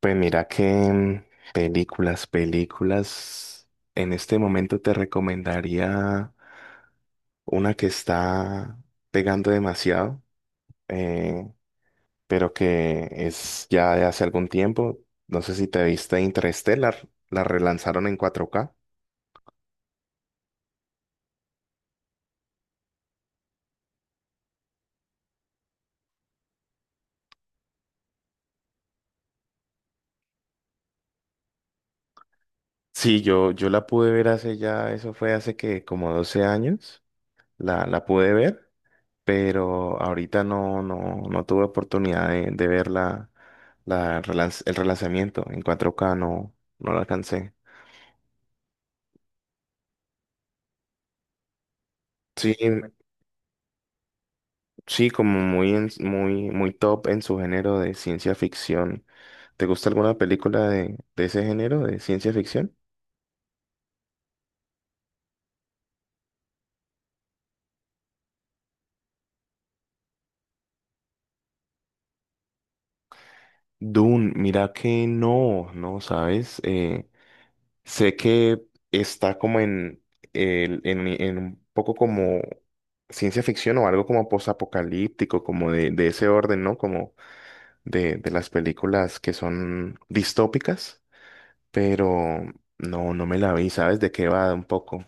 Pues mira que películas, películas, en este momento te recomendaría una que está pegando demasiado, eh, pero que es ya de hace algún tiempo. No sé si te viste Interstellar, la relanzaron en 4K. Sí, yo la pude ver hace ya, eso fue hace que como 12 años, la pude ver. Pero ahorita no, no, no tuve oportunidad de ver el relanzamiento en 4K, no, no lo alcancé. Sí, sí, como muy, muy top en su género de ciencia ficción. ¿Te gusta alguna película de ese género, de ciencia ficción? Dune, mira que no, no, ¿sabes? Sé que está como en un poco como ciencia ficción o algo como posapocalíptico, como de ese orden, ¿no? Como de las películas que son distópicas, pero no, no me la vi, ¿sabes de qué va un poco?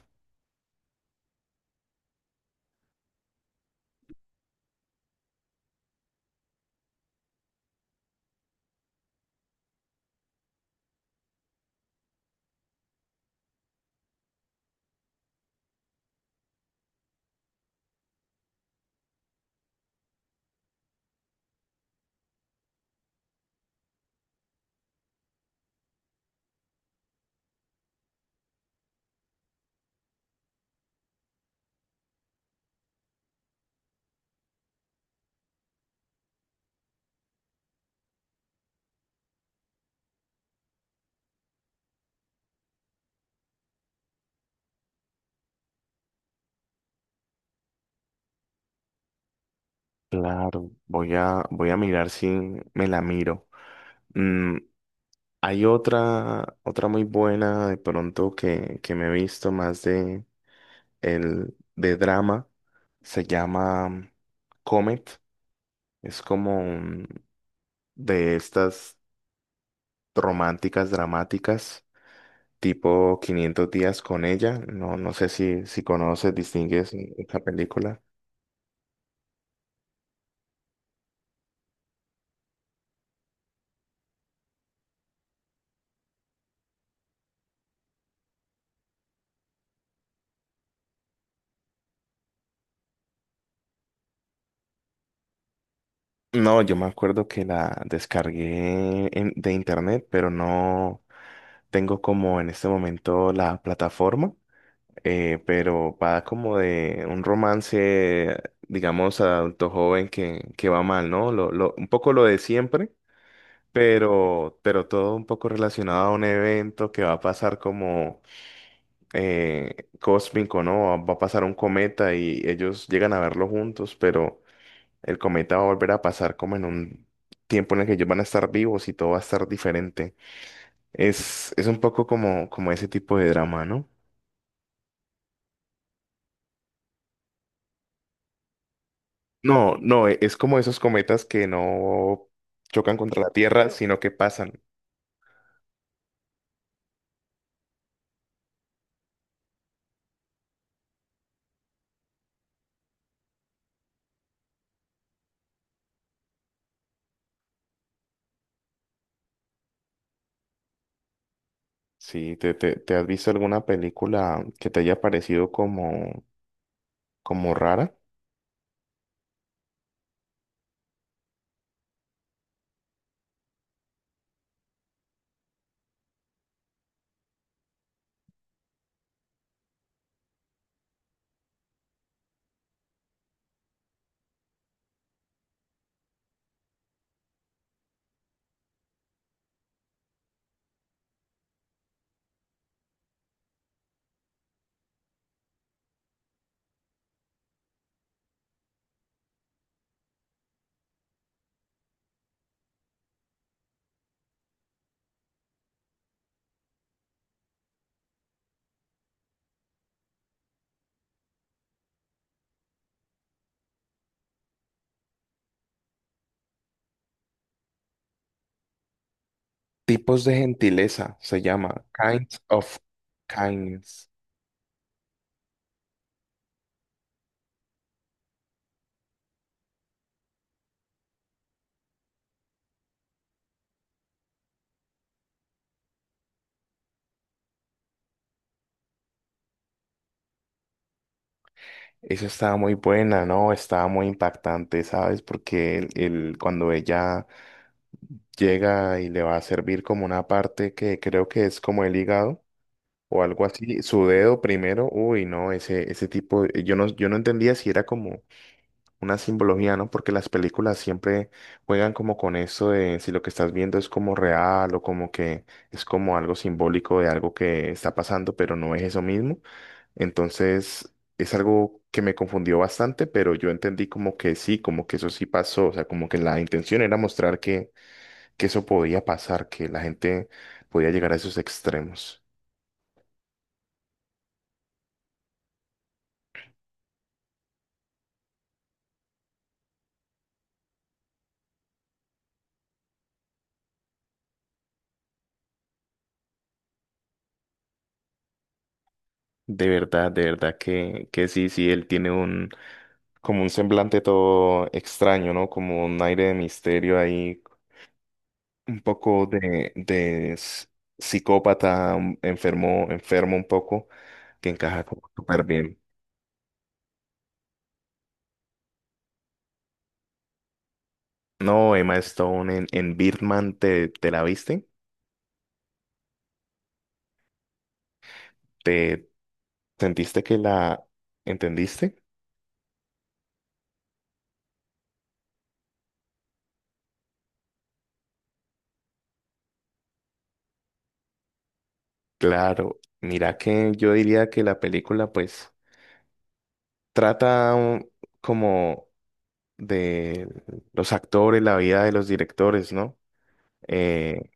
Claro, voy a mirar si me la miro. Mm, Hay otra muy buena de pronto que me he visto más de el de drama, se llama Comet. Es como de estas románticas dramáticas, tipo 500 días con ella. No, no sé si conoces, distingues esta película. No, yo me acuerdo que la descargué de internet, pero no tengo como en este momento la plataforma. Pero va como de un romance, digamos, adulto joven que va mal, ¿no? Un poco lo de siempre, pero todo un poco relacionado a un evento que va a pasar como cósmico, ¿no? Va a pasar un cometa y ellos llegan a verlo juntos, pero el cometa va a volver a pasar como en un tiempo en el que ellos van a estar vivos y todo va a estar diferente. Es un poco como ese tipo de drama, ¿no? No, no, es como esos cometas que no chocan contra la Tierra, sino que pasan. Sí, ¿te has visto alguna película que te haya parecido como rara? Tipos de gentileza se llama, Kinds of Kindness. Esa estaba muy buena, ¿no? Estaba muy impactante, ¿sabes? Porque cuando ella llega y le va a servir como una parte que creo que es como el hígado, o algo así, su dedo primero, uy, no, ese tipo, yo no entendía si era como una simbología, ¿no? Porque las películas siempre juegan como con eso de si lo que estás viendo es como real o como que es como algo simbólico de algo que está pasando, pero no es eso mismo. Entonces, es algo que me confundió bastante, pero yo entendí como que sí, como que eso sí pasó, o sea, como que la intención era mostrar que eso podía pasar, que la gente podía llegar a esos extremos. De verdad que sí, sí, él tiene como un semblante todo extraño, ¿no? Como un aire de misterio ahí, un poco de psicópata, enfermo, enfermo un poco, que encaja como súper bien. No, Emma Stone en Birdman, ¿te la viste? ¿Te sentiste que la entendiste? Claro, mira que yo diría que la película pues trata como de los actores, la vida de los directores, ¿no? Eh,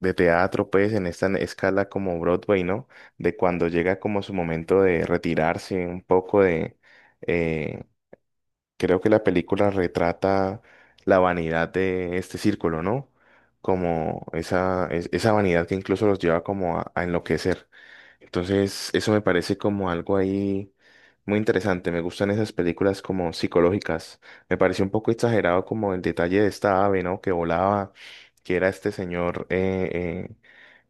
de teatro, pues, en esta escala como Broadway, ¿no? De cuando llega como su momento de retirarse un poco de, eh, creo que la película retrata la vanidad de este círculo, ¿no? Como esa vanidad que incluso los lleva como a enloquecer. Entonces, eso me parece como algo ahí muy interesante. Me gustan esas películas como psicológicas. Me pareció un poco exagerado como el detalle de esta ave, ¿no? Que volaba, que era este señor, eh,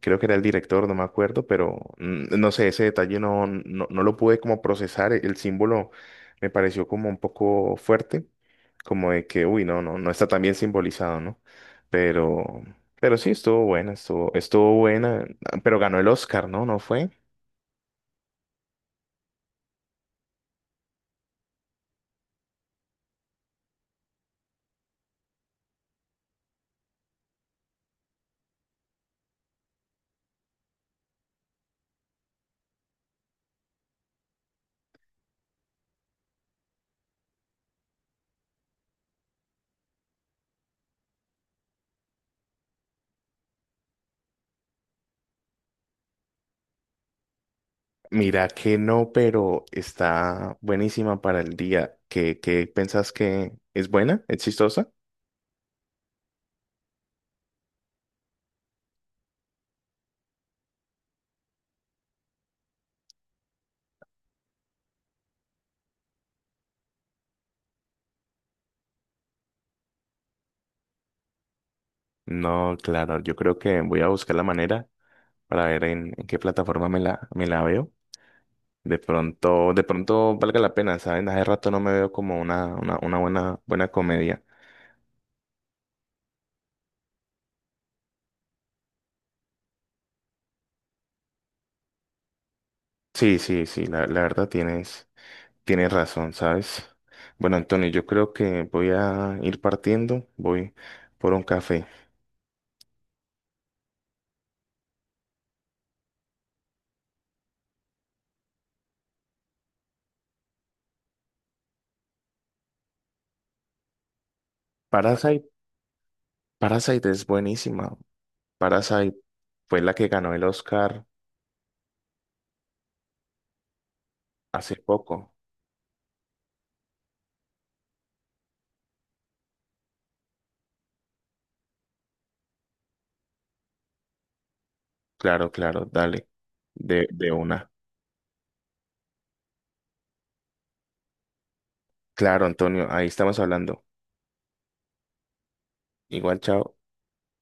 creo que era el director, no me acuerdo, pero no sé, ese detalle no, no, no lo pude como procesar. El símbolo me pareció como un poco fuerte, como de que, uy, no, no, no está tan bien simbolizado, ¿no? Pero, pero, sí, estuvo buena, estuvo buena, pero ganó el Oscar, ¿no? ¿No fue? Mira que no, pero está buenísima para el día. ¿Qué pensás que es buena? ¿Es chistosa? No, claro, yo creo que voy a buscar la manera para ver en qué plataforma me la veo. De pronto, valga la pena, ¿saben? Hace rato no me veo como una buena, buena comedia. Sí, sí, sí, la verdad tienes razón, ¿sabes? Bueno, Antonio, yo creo que voy a ir partiendo, voy por un café. Parasite, Parasite es buenísima. Parasite fue la que ganó el Oscar hace poco. Claro, claro, dale, de una. Claro, Antonio, ahí estamos hablando. Igual, chao.